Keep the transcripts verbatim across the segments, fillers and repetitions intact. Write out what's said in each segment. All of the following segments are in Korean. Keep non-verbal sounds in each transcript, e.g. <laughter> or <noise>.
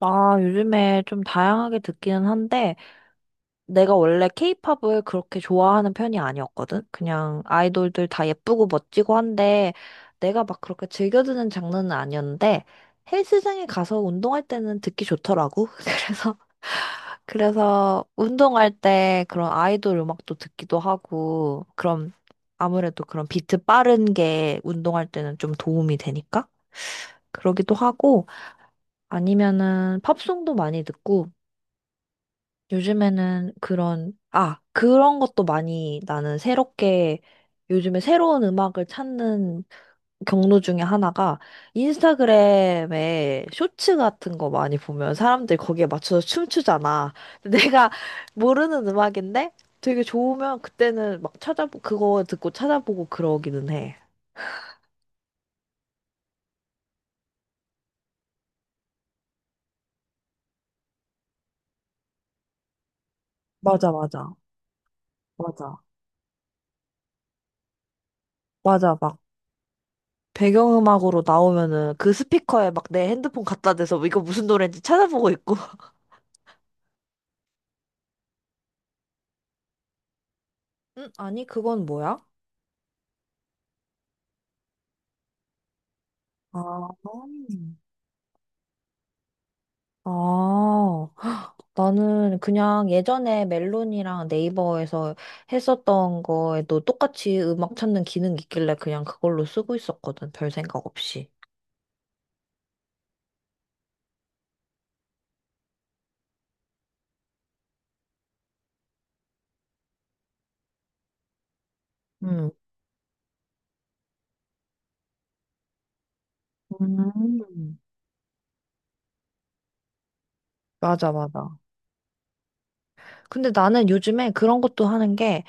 아, 요즘에 좀 다양하게 듣기는 한데, 내가 원래 케이팝을 그렇게 좋아하는 편이 아니었거든? 그냥 아이돌들 다 예쁘고 멋지고 한데, 내가 막 그렇게 즐겨 듣는 장르는 아니었는데, 헬스장에 가서 운동할 때는 듣기 좋더라고. <laughs> 그래서, 그래서 운동할 때 그런 아이돌 음악도 듣기도 하고, 그럼 아무래도 그런 비트 빠른 게 운동할 때는 좀 도움이 되니까? 그러기도 하고, 아니면은 팝송도 많이 듣고 요즘에는 그런 아 그런 것도 많이 나는 새롭게 요즘에 새로운 음악을 찾는 경로 중에 하나가 인스타그램에 쇼츠 같은 거 많이 보면 사람들이 거기에 맞춰서 춤추잖아. 근데 내가 <laughs> 모르는 음악인데 되게 좋으면 그때는 막 찾아보 그거 듣고 찾아보고 그러기는 해. 맞아, 맞아. 맞아. 맞아. 막 배경음악으로 나오면은 그 스피커에 막 내 핸드폰 갖다 대서 이거 무슨 노래인지 찾아보고 있고. <laughs> 응? 아니, 그건 뭐야? 아, 음. 아, <gasps> 헉, 나는 그냥 예전에 멜론이랑 네이버에서 했었던 거에도 똑같이 음악 찾는 기능 이 있길래 그냥 그걸로 쓰고 있었거든. 별 생각 없이. 응. 음, 음. 맞아, 맞아. 근데 나는 요즘에 그런 것도 하는 게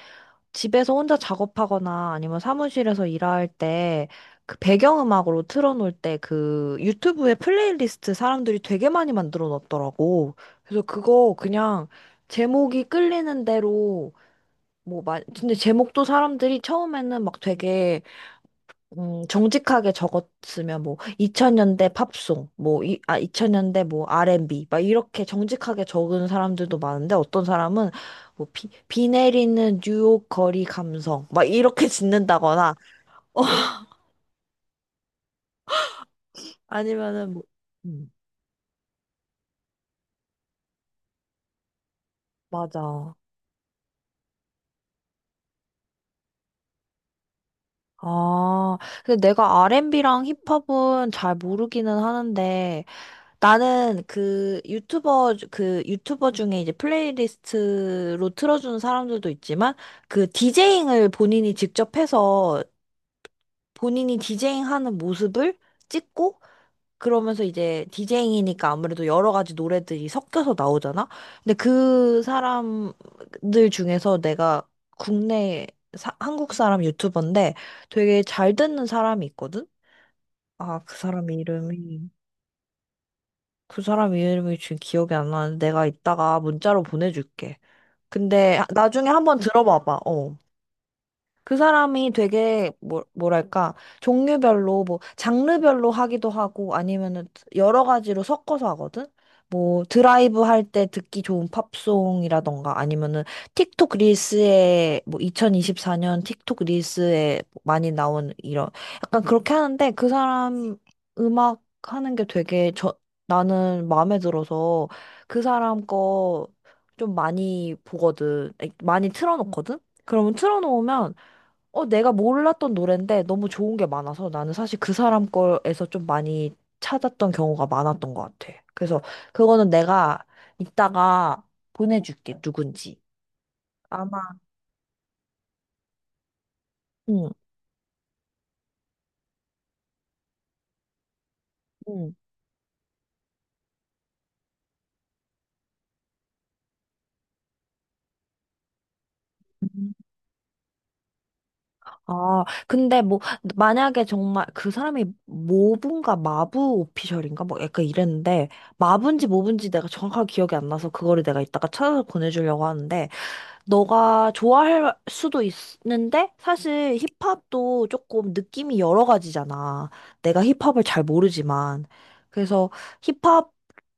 집에서 혼자 작업하거나 아니면 사무실에서 일할 때 그 배경음악으로 틀어놓을 때 그 유튜브에 플레이리스트 사람들이 되게 많이 만들어 놨더라고. 그래서 그거 그냥 제목이 끌리는 대로 뭐, 마, 근데 제목도 사람들이 처음에는 막 되게 음, 정직하게 적었으면 뭐 이천 년대 팝송, 뭐 이, 아, 이천 년대 뭐 알앤비 막 이렇게 정직하게 적은 사람들도 많은데 어떤 사람은 뭐 비, 비 내리는 뉴욕 거리 감성 막 이렇게 짓는다거나 <laughs> 아니면은 뭐 음, 맞아. 아, 근데 내가 알앤비랑 힙합은 잘 모르기는 하는데 나는 그 유튜버, 그 유튜버 중에 이제 플레이리스트로 틀어주는 사람들도 있지만 그 디제잉을 본인이 직접 해서 본인이 디제잉 하는 모습을 찍고 그러면서 이제 디제잉이니까 아무래도 여러 가지 노래들이 섞여서 나오잖아? 근데 그 사람들 중에서 내가 국내 사- 한국 사람 유튜버인데 되게 잘 듣는 사람이 있거든? 아, 그 사람 이름이. 그 사람 이름이 지금 기억이 안 나는데 내가 이따가 문자로 보내줄게. 근데 하- 나중에 한번 들어봐봐. 어. 그 사람이 되게 뭐, 뭐랄까 종류별로 뭐 장르별로 하기도 하고 아니면은 여러 가지로 섞어서 하거든. 뭐 드라이브 할 때 듣기 좋은 팝송이라던가 아니면은 틱톡 릴스에 뭐 이천이십사 년 틱톡 릴스에 많이 나온 이런 약간 그렇게 하는데 그 사람 음악 하는 게 되게 저 나는 마음에 들어서 그 사람 거 좀 많이 보거든. 많이 틀어놓거든. 그러면 틀어놓으면 어, 내가 몰랐던 노래인데 너무 좋은 게 많아서 나는 사실 그 사람 거에서 좀 많이 찾았던 경우가 많았던 것 같아. 그래서 그거는 내가 이따가 보내줄게, 누군지. 아마, 응, 응. 음. 아, 근데 뭐, 만약에 정말 그 사람이 모분가 마부 오피셜인가? 뭐 약간 이랬는데, 마분지 모분지 내가 정확하게 기억이 안 나서 그거를 내가 이따가 찾아서 보내주려고 하는데, 너가 좋아할 수도 있는데 사실 힙합도 조금 느낌이 여러 가지잖아. 내가 힙합을 잘 모르지만 그래서 힙합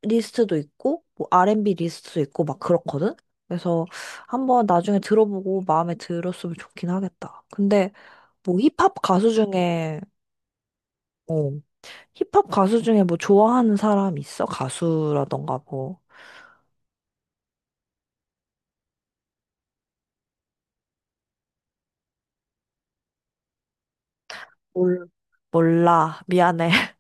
리스트도 있고 뭐 알앤비 리스트도 있고 막 그렇거든. 그래서 한번 나중에 들어보고 마음에 들었으면 좋긴 하겠다. 근데 뭐 힙합 가수 중에 어 힙합 가수 중에 뭐 좋아하는 사람 있어? 가수라던가 뭐. 몰라. 몰라 미안해. <laughs>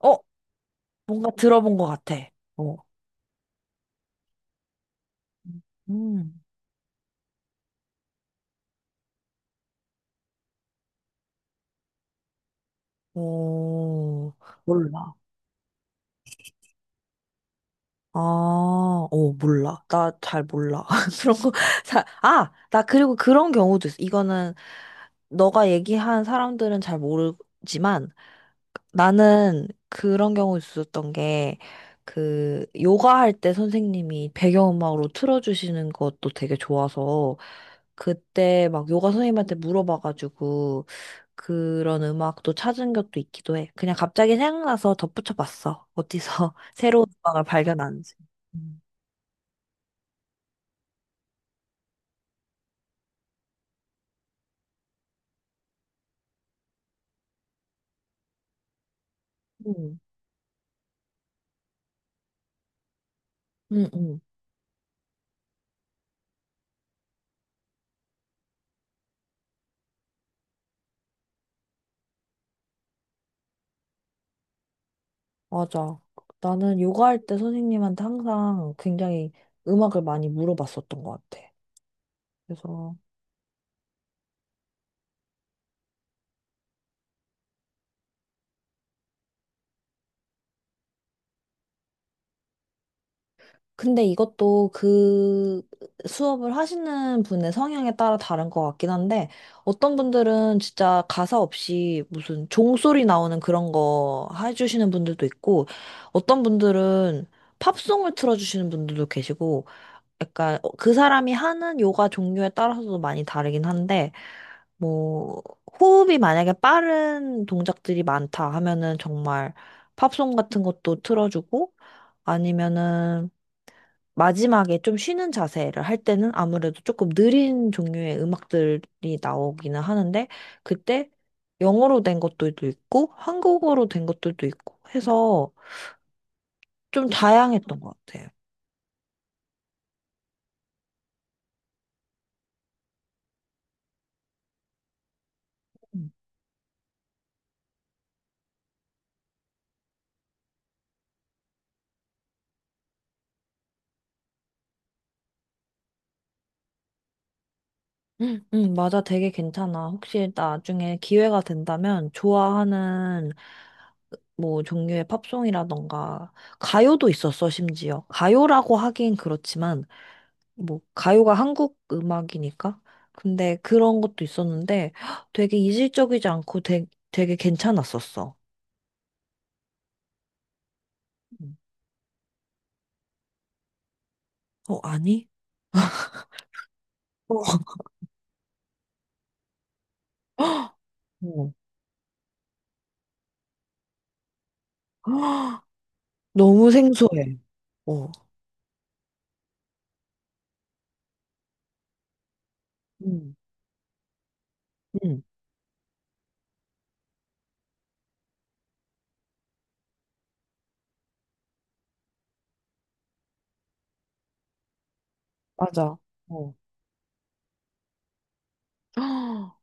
어 뭔가 들어본 것 같아. 어. 음. 어, 몰라. 아, 어, 몰라. 나 잘 몰라. <laughs> 그런 거, 잘, 아, 나 그리고 그런 경우도 있어. 이거는 너가 얘기한 사람들은 잘 모르지만, 나는 그런 경우 있었던 게, 그, 요가 할 때 선생님이 배경음악으로 틀어주시는 것도 되게 좋아서, 그때 막 요가 선생님한테 물어봐가지고, 그런 음악도 찾은 것도 있기도 해. 그냥 갑자기 생각나서 덧붙여 봤어. 어디서 <laughs> 새로운 음악을 발견하는지. 음. 음, 응, 응, 맞아. 나는 요가 할 때 선생님한테 항상 굉장히 음악을 많이 물어봤었던 것 같아. 그래서, 근데 이것도 그 수업을 하시는 분의 성향에 따라 다른 것 같긴 한데, 어떤 분들은 진짜 가사 없이 무슨 종소리 나오는 그런 거 해주시는 분들도 있고, 어떤 분들은 팝송을 틀어주시는 분들도 계시고, 약간 어, 그 사람이 하는 요가 종류에 따라서도 많이 다르긴 한데, 뭐, 호흡이 만약에 빠른 동작들이 많다 하면은 정말 팝송 같은 것도 틀어주고, 아니면은 마지막에 좀 쉬는 자세를 할 때는 아무래도 조금 느린 종류의 음악들이 나오기는 하는데, 그때 영어로 된 것들도 있고, 한국어로 된 것들도 있고 해서 좀 다양했던 것 같아요. 음, 응, 응, 맞아. 되게 괜찮아. 혹시 나중에 기회가 된다면 좋아하는 뭐 종류의 팝송이라던가 가요도 있었어, 심지어. 가요라고 하긴 그렇지만 뭐 가요가 한국 음악이니까. 근데 그런 것도 있었는데 헉, 되게 이질적이지 않고 되, 되게 괜찮았었어. 음. 어, 아니? 어, <gasps> 어. 헉, 너무 생소해. 어. 음, 응, 맞아. 어. <gasps> 헉,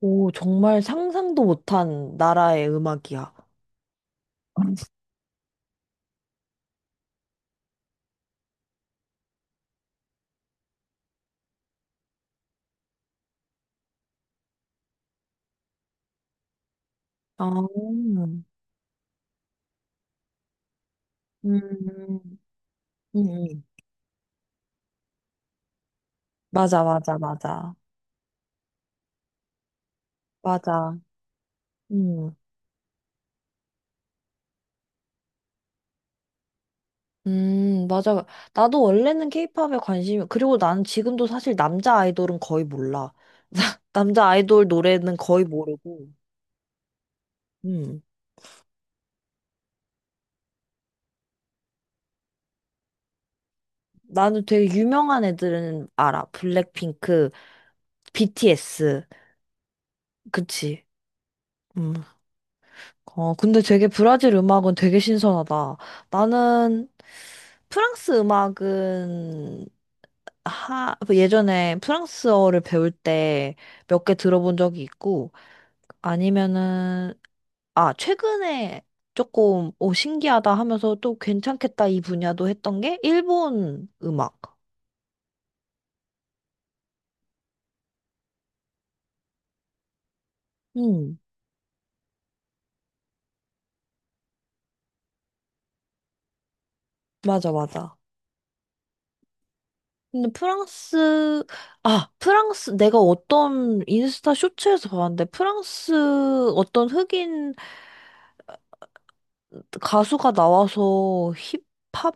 오, 정말 상상도 못한 나라의 음악이야. 아, 음, 음, 음. 맞아, 맞아, 맞아. 맞아. 음. 음, 맞아. 나도 원래는 케이팝에 관심이, 그리고 나는 지금도 사실 남자 아이돌은 거의 몰라. <laughs> 남자 아이돌 노래는 거의 모르고. 음. 나는 되게 유명한 애들은 알아. 블랙핑크, 비티에스. 그치. 음. 어, 근데 되게 브라질 음악은 되게 신선하다. 나는 프랑스 음악은 하, 예전에 프랑스어를 배울 때 몇 개 들어본 적이 있고, 아니면은 아, 최근에 조금, 오, 신기하다 하면서 또 괜찮겠다 이 분야도 했던 게 일본 음악. 음, 맞아, 맞아. 근데 프랑스, 아, 프랑스, 내가 어떤 인스타 쇼츠에서 봤는데 프랑스 어떤 흑인 가수가 나와서 힙합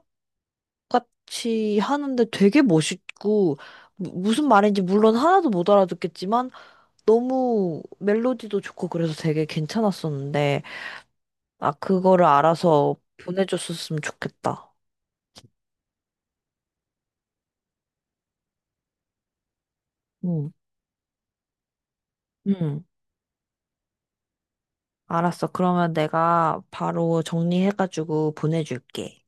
같이 하는데 되게 멋있고, 무- 무슨 말인지 물론 하나도 못 알아듣겠지만 너무 멜로디도 좋고 그래서 되게 괜찮았었는데, 나 그거를 알아서 보내줬었으면 좋겠다. 응. 응. 알았어. 그러면 내가 바로 정리해가지고 보내줄게.